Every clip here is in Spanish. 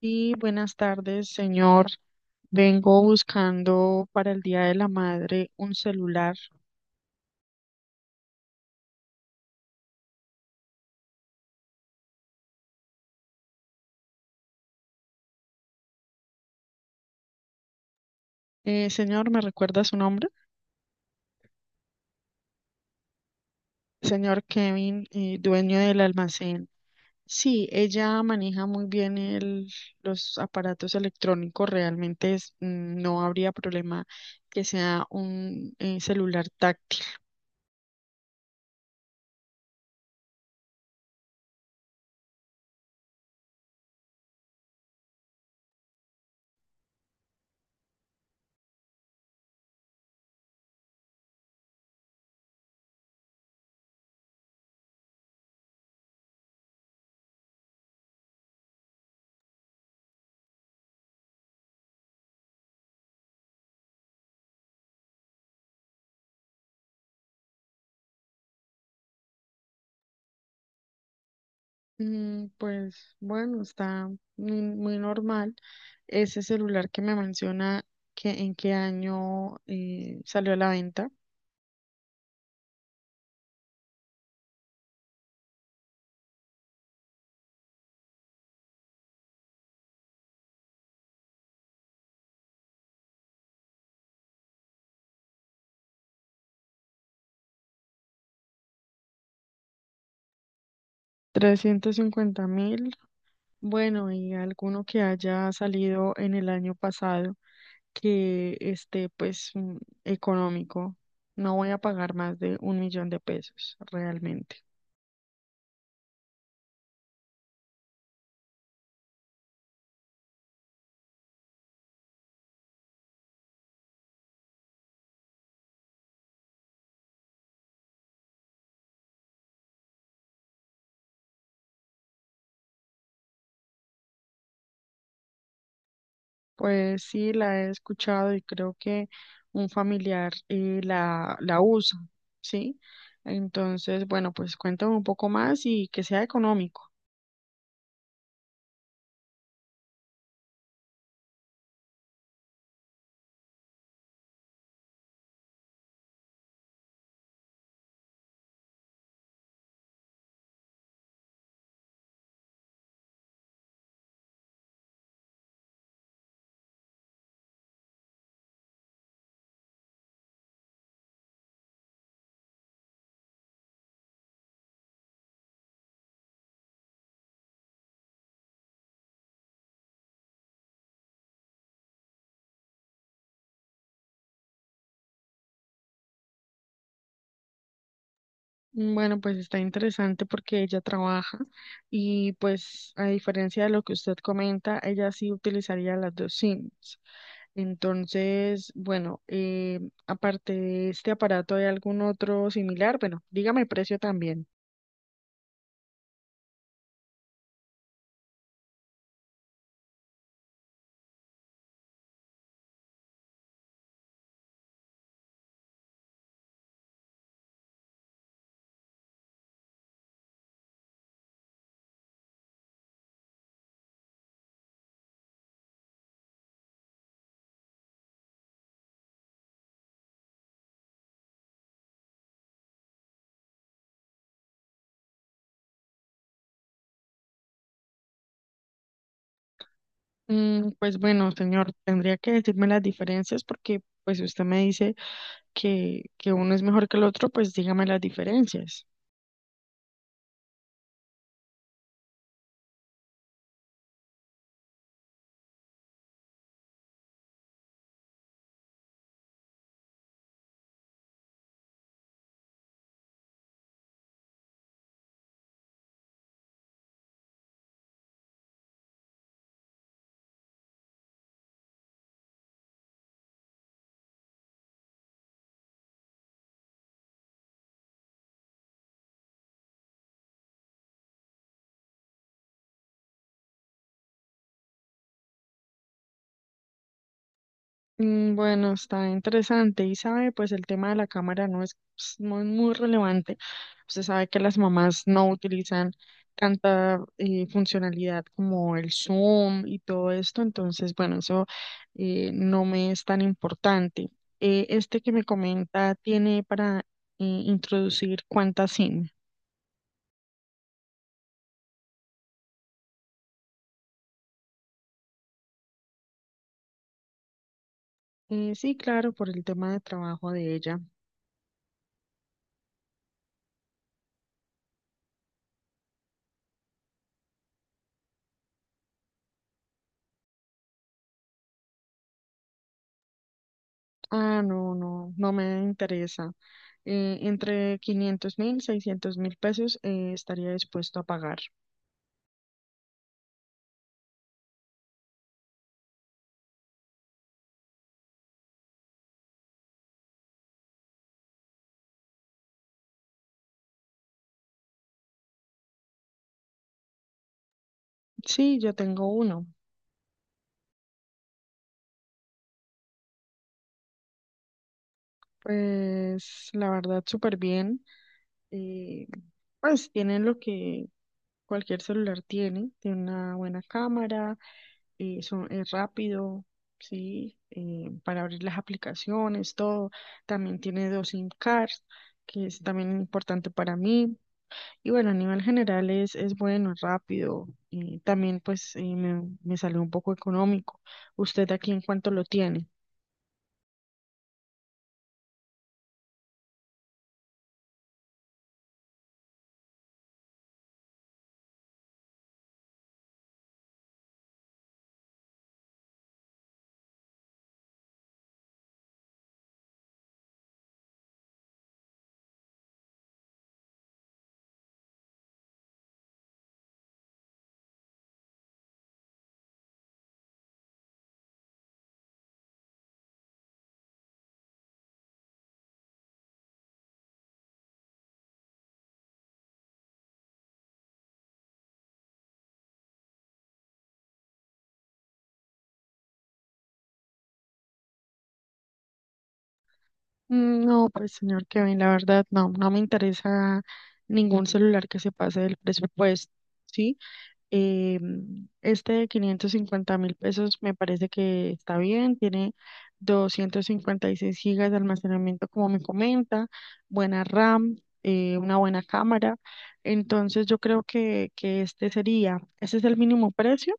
Sí, buenas tardes, señor. Vengo buscando para el Día de la Madre un celular. Señor, ¿me recuerda su nombre? Señor Kevin, dueño del almacén. Sí, ella maneja muy bien los aparatos electrónicos. Realmente no habría problema que sea un celular táctil. Pues bueno, está muy, muy normal. Ese celular que me menciona que en qué año salió a la venta. 350.000. Bueno, ¿y alguno que haya salido en el año pasado que esté pues económico? No voy a pagar más de 1.000.000 de pesos realmente. Pues sí, la he escuchado y creo que un familiar la usa, ¿sí? Entonces, bueno, pues cuéntame un poco más y que sea económico. Bueno, pues está interesante porque ella trabaja y pues, a diferencia de lo que usted comenta, ella sí utilizaría las dos SIMs. Entonces, bueno, aparte de este aparato, ¿hay algún otro similar? Bueno, dígame precio también. Pues bueno, señor, tendría que decirme las diferencias, porque pues si usted me dice que uno es mejor que el otro, pues dígame las diferencias. Bueno, está interesante, y sabe, pues el tema de la cámara no es pues, muy, muy relevante. Usted sabe que las mamás no utilizan tanta funcionalidad como el zoom y todo esto, entonces bueno, eso no me es tan importante. Este que me comenta, ¿tiene para introducir cuántas SIM? Sí, claro, por el tema de trabajo de ella. Ah, no, no, no me interesa. Entre 500.000, 600.000 pesos estaría dispuesto a pagar. Sí, yo tengo uno. Pues la verdad, súper bien. eh, pues tiene lo que cualquier celular tiene, tiene una buena cámara, es rápido, sí, para abrir las aplicaciones, todo. También tiene dos SIM cards, que es también importante para mí. Y bueno, a nivel general es bueno, es rápido y también pues me salió un poco económico. ¿Usted aquí en cuánto lo tiene? No, pues señor Kevin, la verdad no, no me interesa ningún celular que se pase del presupuesto, ¿sí? Eh, este de 550.000 pesos me parece que está bien, tiene 256 gigas de almacenamiento, como me comenta, buena RAM, una buena cámara. Entonces yo creo que, este sería, ese es el mínimo precio.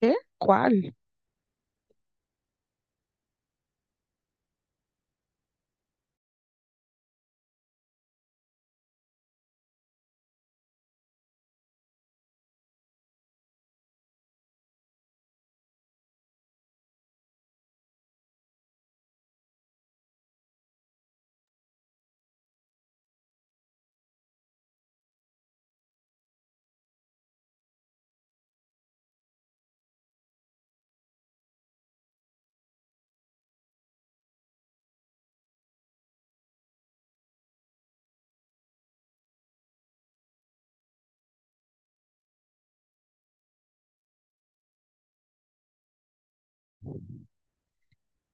¿Qué? ¿Cuál?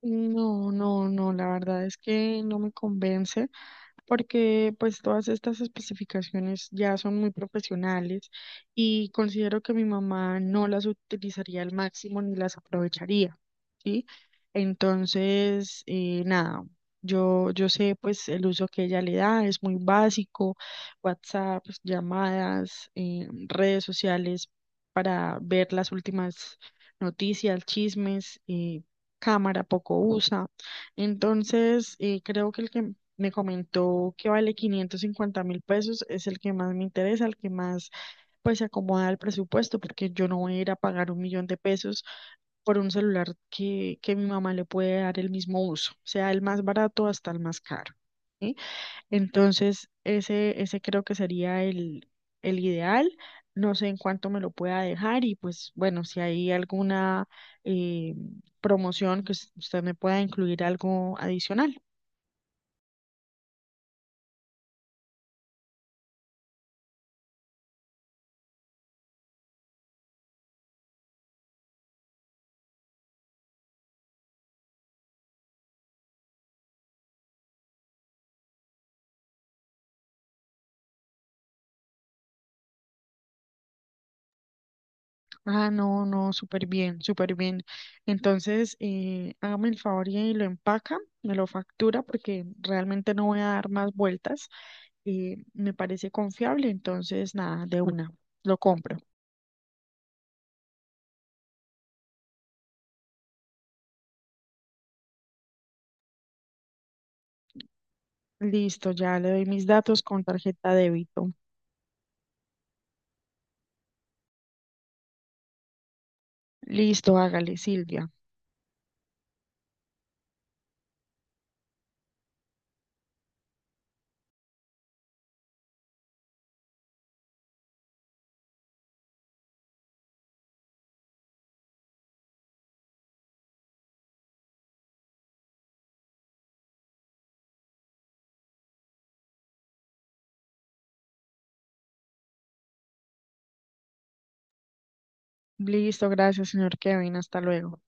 No, no, no, la verdad es que no me convence, porque pues todas estas especificaciones ya son muy profesionales y considero que mi mamá no las utilizaría al máximo ni las aprovecharía, ¿sí? Entonces, nada, yo sé pues el uso que ella le da es muy básico: WhatsApp, llamadas, redes sociales para ver las últimas noticias, chismes, cámara, poco usa. Entonces, creo que el que me comentó que vale 550.000 pesos es el que más me interesa, el que más pues se acomoda al presupuesto, porque yo no voy a ir a pagar 1.000.000 de pesos por un celular que mi mamá le puede dar el mismo uso, sea el más barato hasta el más caro. ¿Sí? Entonces, ese creo que sería el ideal. No sé en cuánto me lo pueda dejar y pues bueno, si hay alguna eh, promoción que usted me pueda incluir algo adicional. Ah, no, no, súper bien, súper bien. Entonces, hágame el favor y lo empaca, me lo factura, porque realmente no voy a dar más vueltas. Me parece confiable, entonces nada, de una, lo compro. Listo, ya le doy mis datos, con tarjeta débito. Listo, hágale, Silvia. Listo, gracias, señor Kevin. Hasta luego.